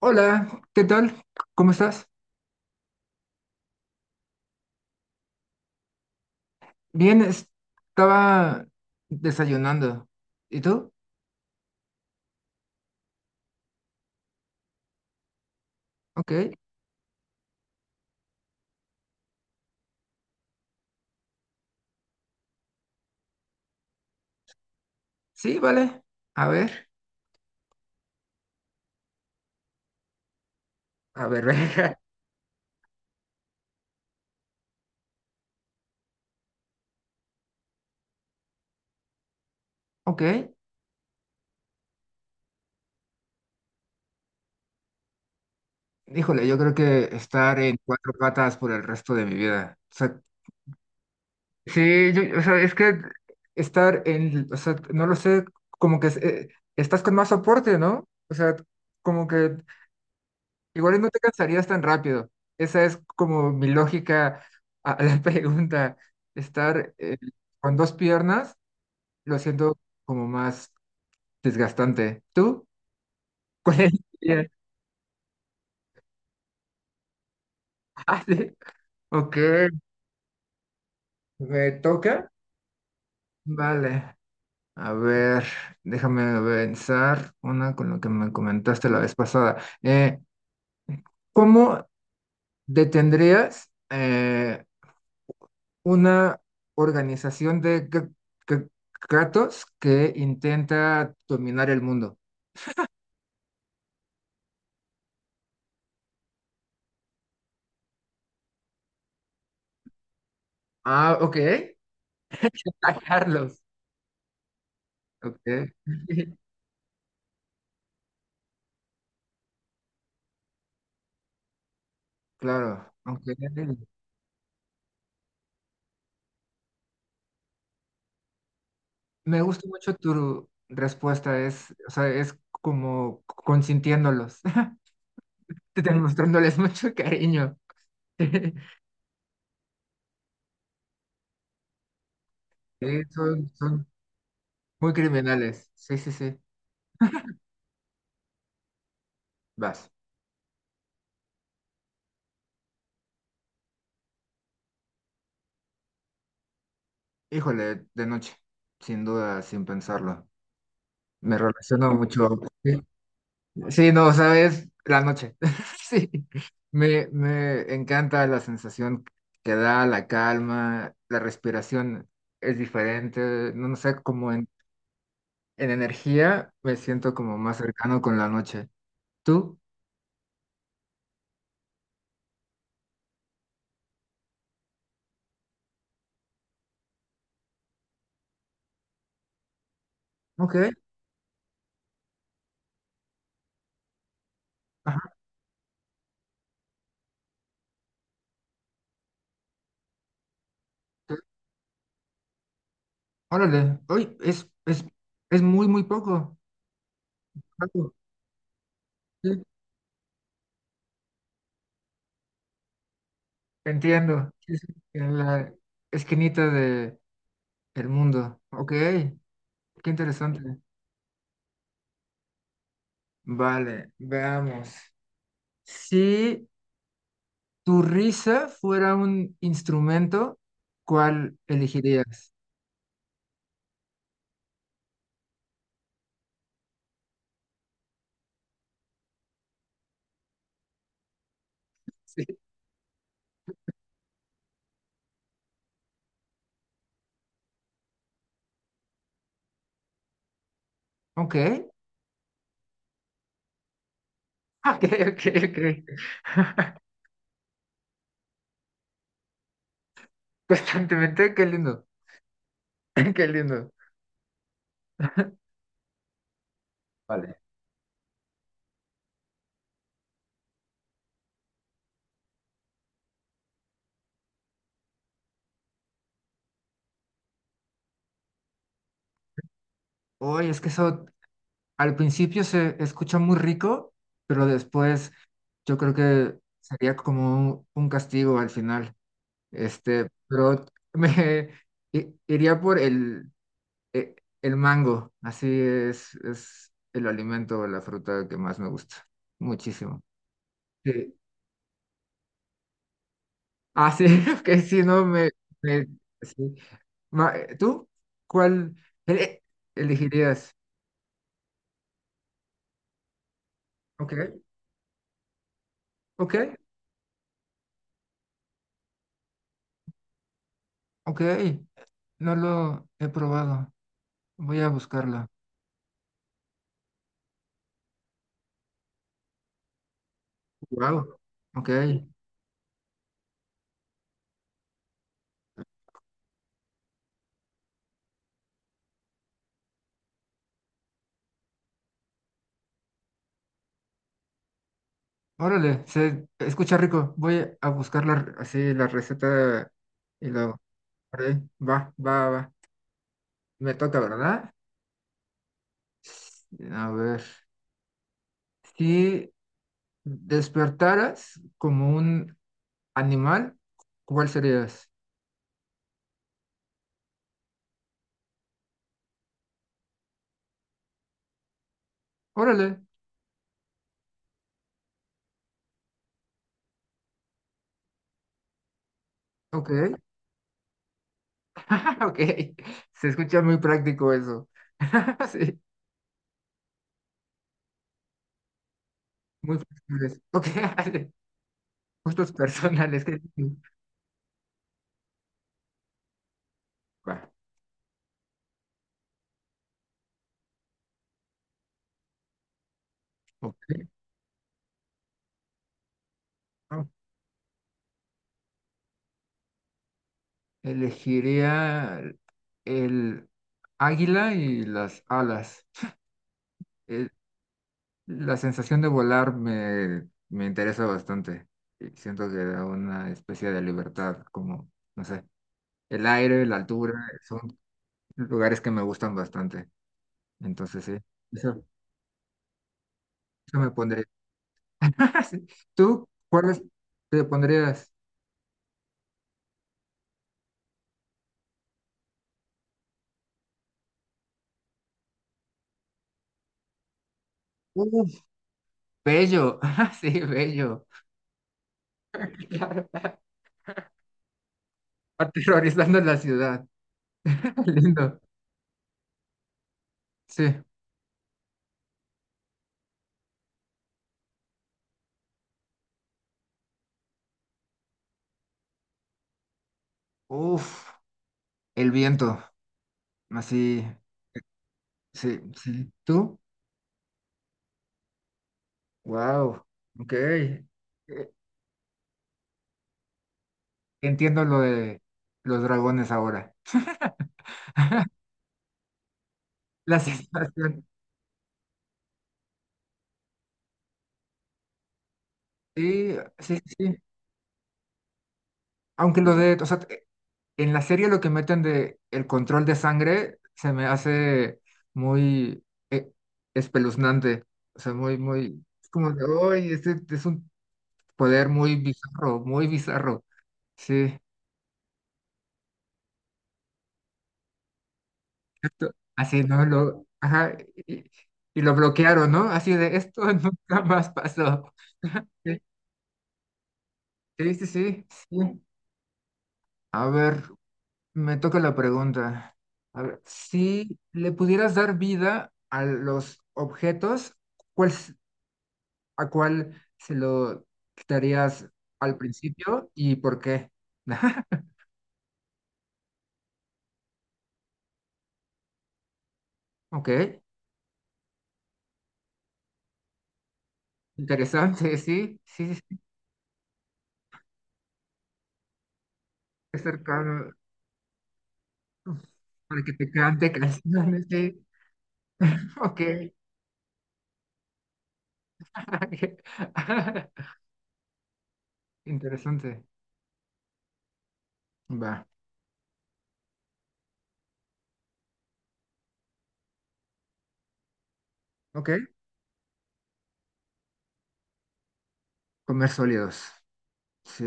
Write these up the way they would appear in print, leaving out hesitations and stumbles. Hola, ¿qué tal? ¿Cómo estás? Bien, estaba desayunando. ¿Y tú? Ok. Sí, vale. A ver, a ver. Ok. Híjole, yo creo que estar en cuatro patas por el resto de mi vida. O sea, sí, o sea, es que estar en, o sea, no lo sé, como que estás con más soporte, ¿no? O sea, como que igual y no te cansarías tan rápido. Esa es como mi lógica a la pregunta. Estar con dos piernas lo siento como más desgastante. ¿Tú? ¿Cuál es? Ah, sí. Ok, ¿me toca? Vale. A ver, déjame pensar una con lo que me comentaste la vez pasada. ¿Cómo detendrías una organización de g- gatos que intenta dominar el mundo? Ah, ok. A Carlos. Ok. Claro, aunque me gusta mucho tu respuesta. Es, o sea, es como consintiéndolos, demostrándoles mucho cariño. Sí, son muy criminales. Sí, sí, sí. Vas. Híjole, de noche. Sin duda, sin pensarlo. Me relaciono mucho. Sí. Sí, no, sabes, la noche. Sí, me encanta la sensación que da, la calma, la respiración es diferente, no, no sé, como en energía me siento como más cercano con la noche. ¿Tú? Ok. Ajá. Sí. Órale. Uy, es muy, muy poco. Claro, sí, entiendo. Sí, sí, en la esquinita de el mundo. Ok, qué interesante. Vale, veamos. Sí, tu risa fuera un instrumento, ¿cuál elegirías? Sí. Ok, ok, ok, ok. Constantemente, qué lindo, qué lindo. Vale. Oye, es que eso al principio se escucha muy rico, pero después yo creo que sería como un castigo al final. Este, pero me iría por eh, el mango, así es el alimento o la fruta que más me gusta, muchísimo. Sí. Ah, sí, que si no me, me- sí. ¿Tú cuál ele- elegirías? Ok, ok, ok, no lo he probado, voy a buscarla. Wow, ok, órale, se escucha rico, voy a buscar la, así la receta y lo... haré. Va, va, va, me toca, ¿verdad? A ver, si despertaras como un animal, ¿cuál serías? Órale, ok, ok, se escucha muy práctico eso. Sí, muy flexibles. Ok, gustos personales. Qué difícil. Va, ok, ah, elegiría el águila y las alas. La sensación de volar me interesa bastante. Y siento que da una especie de libertad, como, no sé, el aire, la altura, son lugares que me gustan bastante. Entonces, sí, eso, eso me pondría. Sí. ¿Tú cuáles te pondrías? Uf, bello. Sí, bello. Claro. Aterrorizando la ciudad. Lindo. Sí. Uf, el viento. Así, sí, sí. ¿Tú? Wow, ok. Entiendo lo de los dragones ahora. La sensación. Sí, sí, sí. Sí. Aunque lo de, o sea, en la serie lo que meten de el control de sangre se me hace muy eh, espeluznante. O sea, muy, muy, es como de, "Uy, este es un poder muy bizarro, muy bizarro." Sí, así, ¿no? Lo, ajá, y, y lo bloquearon, ¿no? Así de, esto nunca más pasó. Sí, sí, sí, sí. A ver, me toca la pregunta. A ver, si le pudieras dar vida a los objetos, ¿cuál, a cuál se lo quitarías al principio y por qué? Ok, interesante, sí, sí, sí, qué cercano, uf, para que te cante canciones, sí, ok, interesante, va, ok, comer sólidos, sí,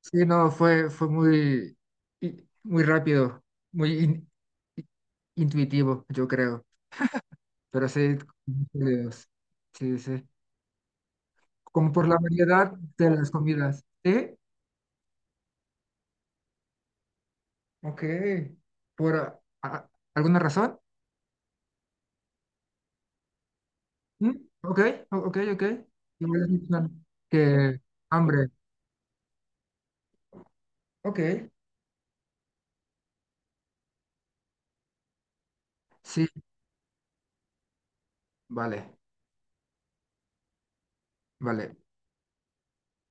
sí, no, fue, fue muy, muy rápido, muy i- intuitivo, yo creo. Pero sí, muchos videos. Sí, sí. Como por la variedad de las comidas. ¿Sí? Ok. ¿Por alguna razón? ¿Mm? Ok, ok, ok. Igual es mi plan. Que hambre. Ok, sí, vale, vale.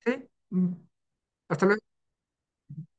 Sí, mm, hasta luego.